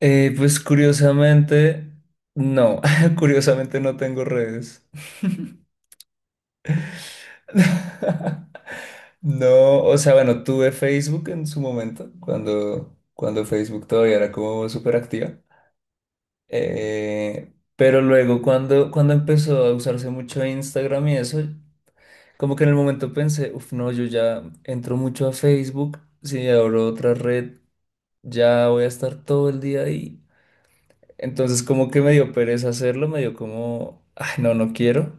Pues curiosamente, no, curiosamente no tengo redes. No, o sea, bueno, tuve Facebook en su momento, cuando Facebook todavía era como súper activa. Pero luego cuando empezó a usarse mucho Instagram y eso, como que en el momento pensé, uff, no, yo ya entro mucho a Facebook, si abro otra red, ya voy a estar todo el día ahí. Entonces como que me dio pereza hacerlo, me dio como, ay, no, no quiero.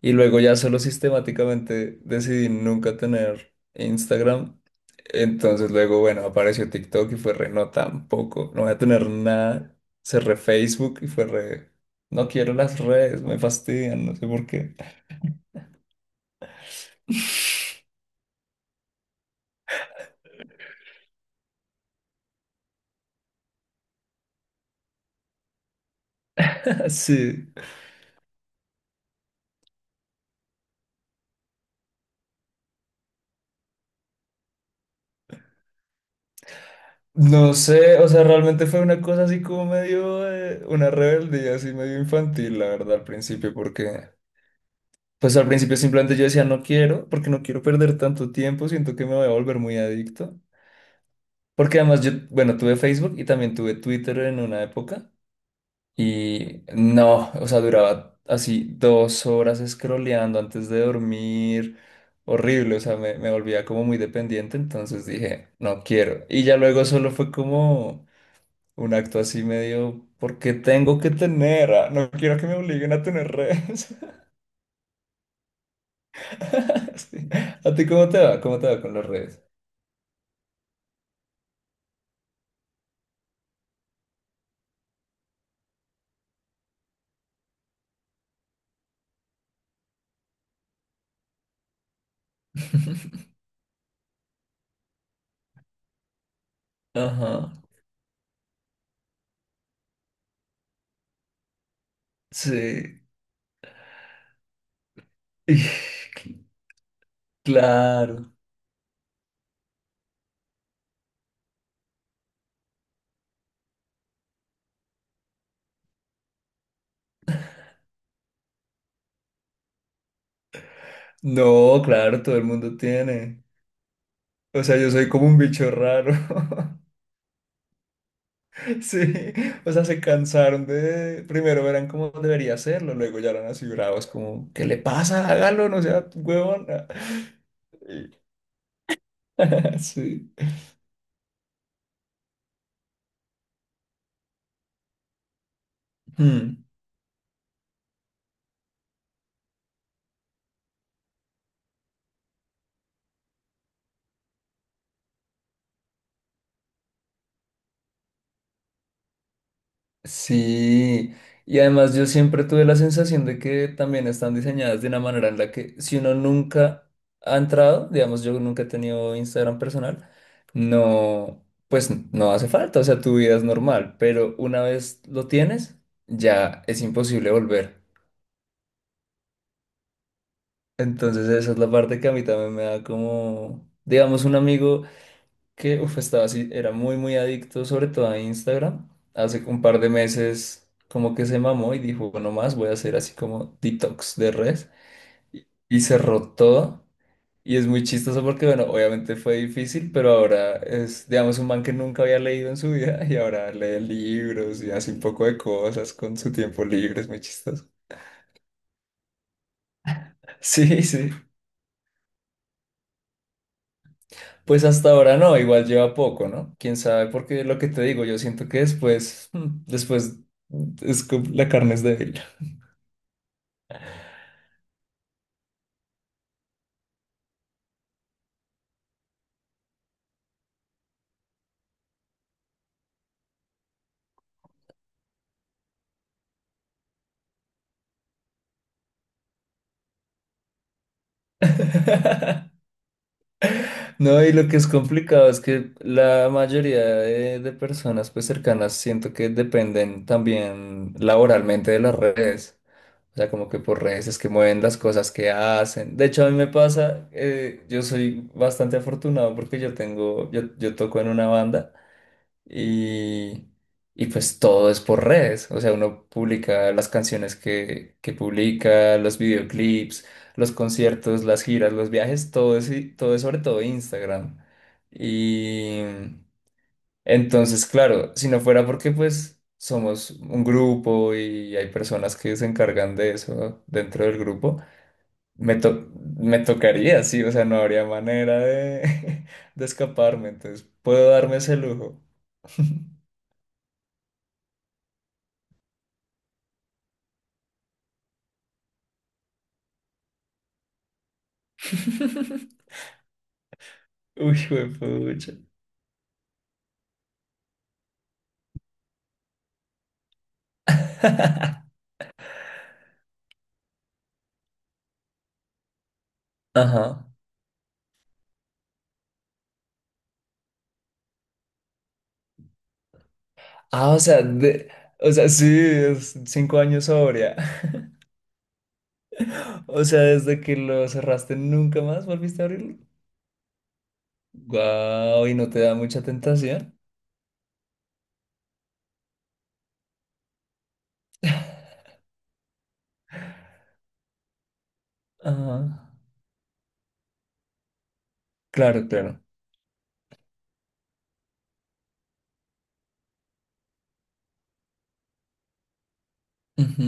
Y luego ya solo sistemáticamente decidí nunca tener Instagram. Entonces luego, bueno, apareció TikTok y fue re, no, tampoco, no voy a tener nada. Cerré Facebook y fue re, no quiero las redes, me fastidian, no sé por qué. Sí. No sé, o sea, realmente fue una cosa así como medio, una rebeldía así medio infantil, la verdad, al principio, porque pues al principio simplemente yo decía, no quiero, porque no quiero perder tanto tiempo, siento que me voy a volver muy adicto. Porque además yo, bueno, tuve Facebook y también tuve Twitter en una época y no, o sea, duraba así dos horas scrolleando antes de dormir, horrible, o sea, me volvía como muy dependiente, entonces dije, no quiero. Y ya luego solo fue como un acto así medio, porque tengo que tener, ah, no quiero que me obliguen a tener redes. Sí. ¿A ti cómo te va? ¿Cómo te va con las redes? Ajá. Sí. Claro. No, claro, todo el mundo tiene. O sea, yo soy como un bicho raro. Sí. O sea, se cansaron de... Primero verán cómo debería hacerlo, luego ya eran así bravos, como, ¿qué le pasa? Hágalo, no sea huevón. Sí. Sí, y además yo siempre tuve la sensación de que también están diseñadas de una manera en la que si uno nunca ha entrado, digamos yo nunca he tenido Instagram personal, no, pues no hace falta, o sea, tu vida es normal, pero una vez lo tienes, ya es imposible volver. Entonces esa es la parte que a mí también me da como, digamos, un amigo que uf, estaba así, era muy, muy adicto, sobre todo a Instagram. Hace un par de meses como que se mamó y dijo, bueno, más voy a hacer así como detox de red. Y cerró todo. Y es muy chistoso porque, bueno, obviamente fue difícil, pero ahora es, digamos, un man que nunca había leído en su vida y ahora lee libros y hace un poco de cosas con su tiempo libre, es muy chistoso. Sí, sí. Pues hasta ahora no, igual lleva poco, ¿no? Quién sabe, porque lo que te digo, yo siento que después, mm, después es la carne es débil. No, y lo que es complicado es que la mayoría de personas pues cercanas siento que dependen también laboralmente de las redes. O sea, como que por redes es que mueven las cosas que hacen. De hecho, a mí me pasa, yo soy bastante afortunado porque yo tengo, yo toco en una banda. y, y pues todo es por redes, o sea, uno publica las canciones que publica, los videoclips, los conciertos, las giras, los viajes, todo es sobre todo Instagram. Y entonces, claro, si no fuera porque pues somos un grupo y hay personas que se encargan de eso dentro del grupo, me, to- me tocaría, sí, o sea, no habría manera de, de escaparme, entonces puedo darme ese lujo. Uy, pucha. Ajá. Ah, o sea, de, o sea, sí, es cinco años sobria. O sea, desde que lo cerraste nunca más volviste a abrirlo. Guau, y no te da mucha tentación. Ajá. Claro, claro. Ujú.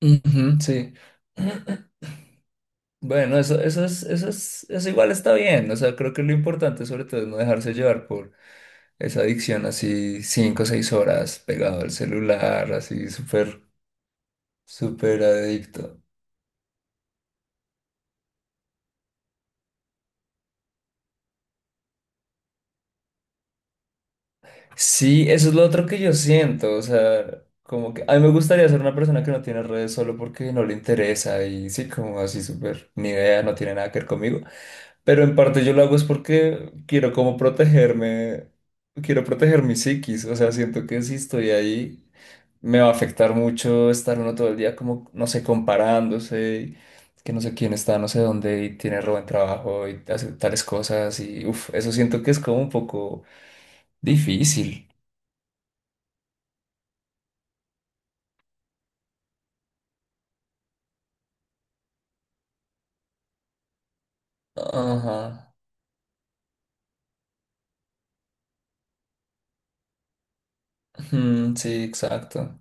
Ujú, sí. Bueno, eso igual está bien. O sea, creo que lo importante sobre todo es no dejarse llevar por esa adicción así cinco o seis horas pegado al celular, así súper súper adicto. Sí, eso es lo otro que yo siento, o sea, como que a mí me gustaría ser una persona que no tiene redes solo porque no le interesa y sí, como así súper, ni idea, no tiene nada que ver conmigo, pero en parte yo lo hago es porque quiero como protegerme, quiero proteger mi psiquis, o sea, siento que si estoy ahí me va a afectar mucho estar uno todo el día como, no sé, comparándose y que no sé quién está, no sé dónde y tiene re buen trabajo y hace tales cosas y uff, eso siento que es como un poco difícil. Ajá. Mm, sí, exacto.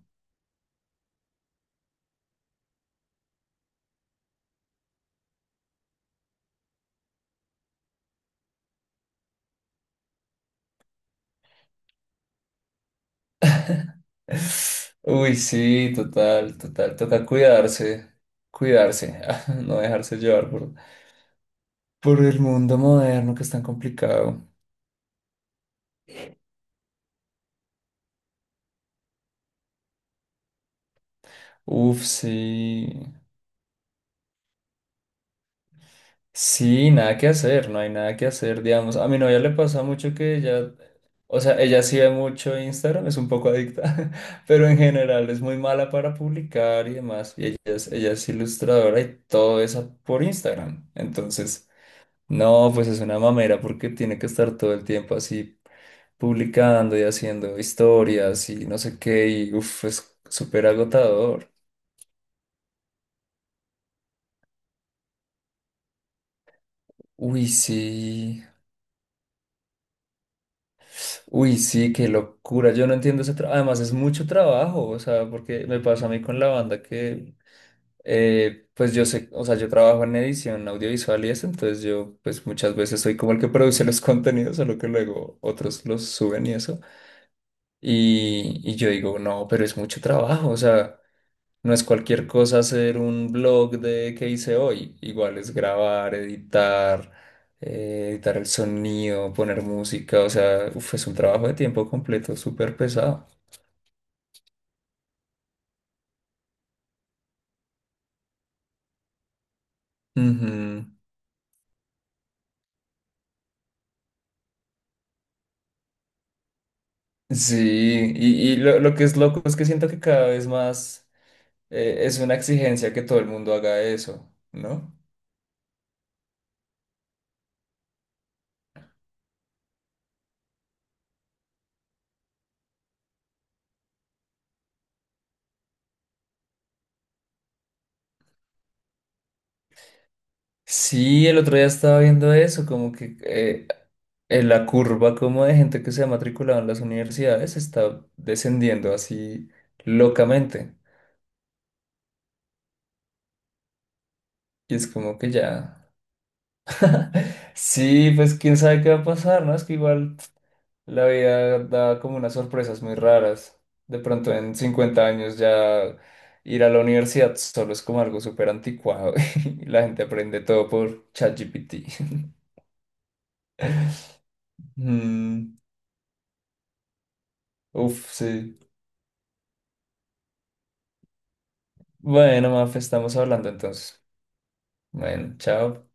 Uy, sí, total, total. Toca cuidarse, cuidarse, no dejarse llevar por el mundo moderno que es tan complicado. Uf, sí. Sí, nada que hacer, no hay nada que hacer, digamos. A mi novia le pasa mucho que ella, o sea, ella sí ve mucho Instagram, es un poco adicta, pero en general es muy mala para publicar y demás. Ella es ilustradora y todo eso por Instagram. Entonces, no, pues es una mamera porque tiene que estar todo el tiempo así publicando y haciendo historias y no sé qué, y uff, es súper agotador. Uy, sí. Uy, sí, qué locura. Yo no entiendo ese trabajo. Además, es mucho trabajo, o sea, porque me pasa a mí con la banda que, pues yo sé, o sea, yo trabajo en edición audiovisual y eso, entonces yo, pues muchas veces soy como el que produce los contenidos, solo que luego otros los suben y eso. Y yo digo, no, pero es mucho trabajo, o sea. No es cualquier cosa hacer un blog de qué hice hoy. Igual es grabar, editar, editar el sonido, poner música. O sea, uf, es un trabajo de tiempo completo súper pesado. Ujú. Y lo que es loco es que siento que cada vez más es una exigencia que todo el mundo haga eso, ¿no? Sí, el otro día estaba viendo eso, como que la curva como de gente que se ha matriculado en las universidades está descendiendo así locamente. Y es como que ya... Sí, pues quién sabe qué va a pasar, ¿no? Es que igual la vida da como unas sorpresas muy raras. De pronto en 50 años ya ir a la universidad solo es como algo súper anticuado y la gente aprende todo por ChatGPT. Mm, uf, sí. Bueno, Mafe, estamos hablando entonces. Bueno, chao.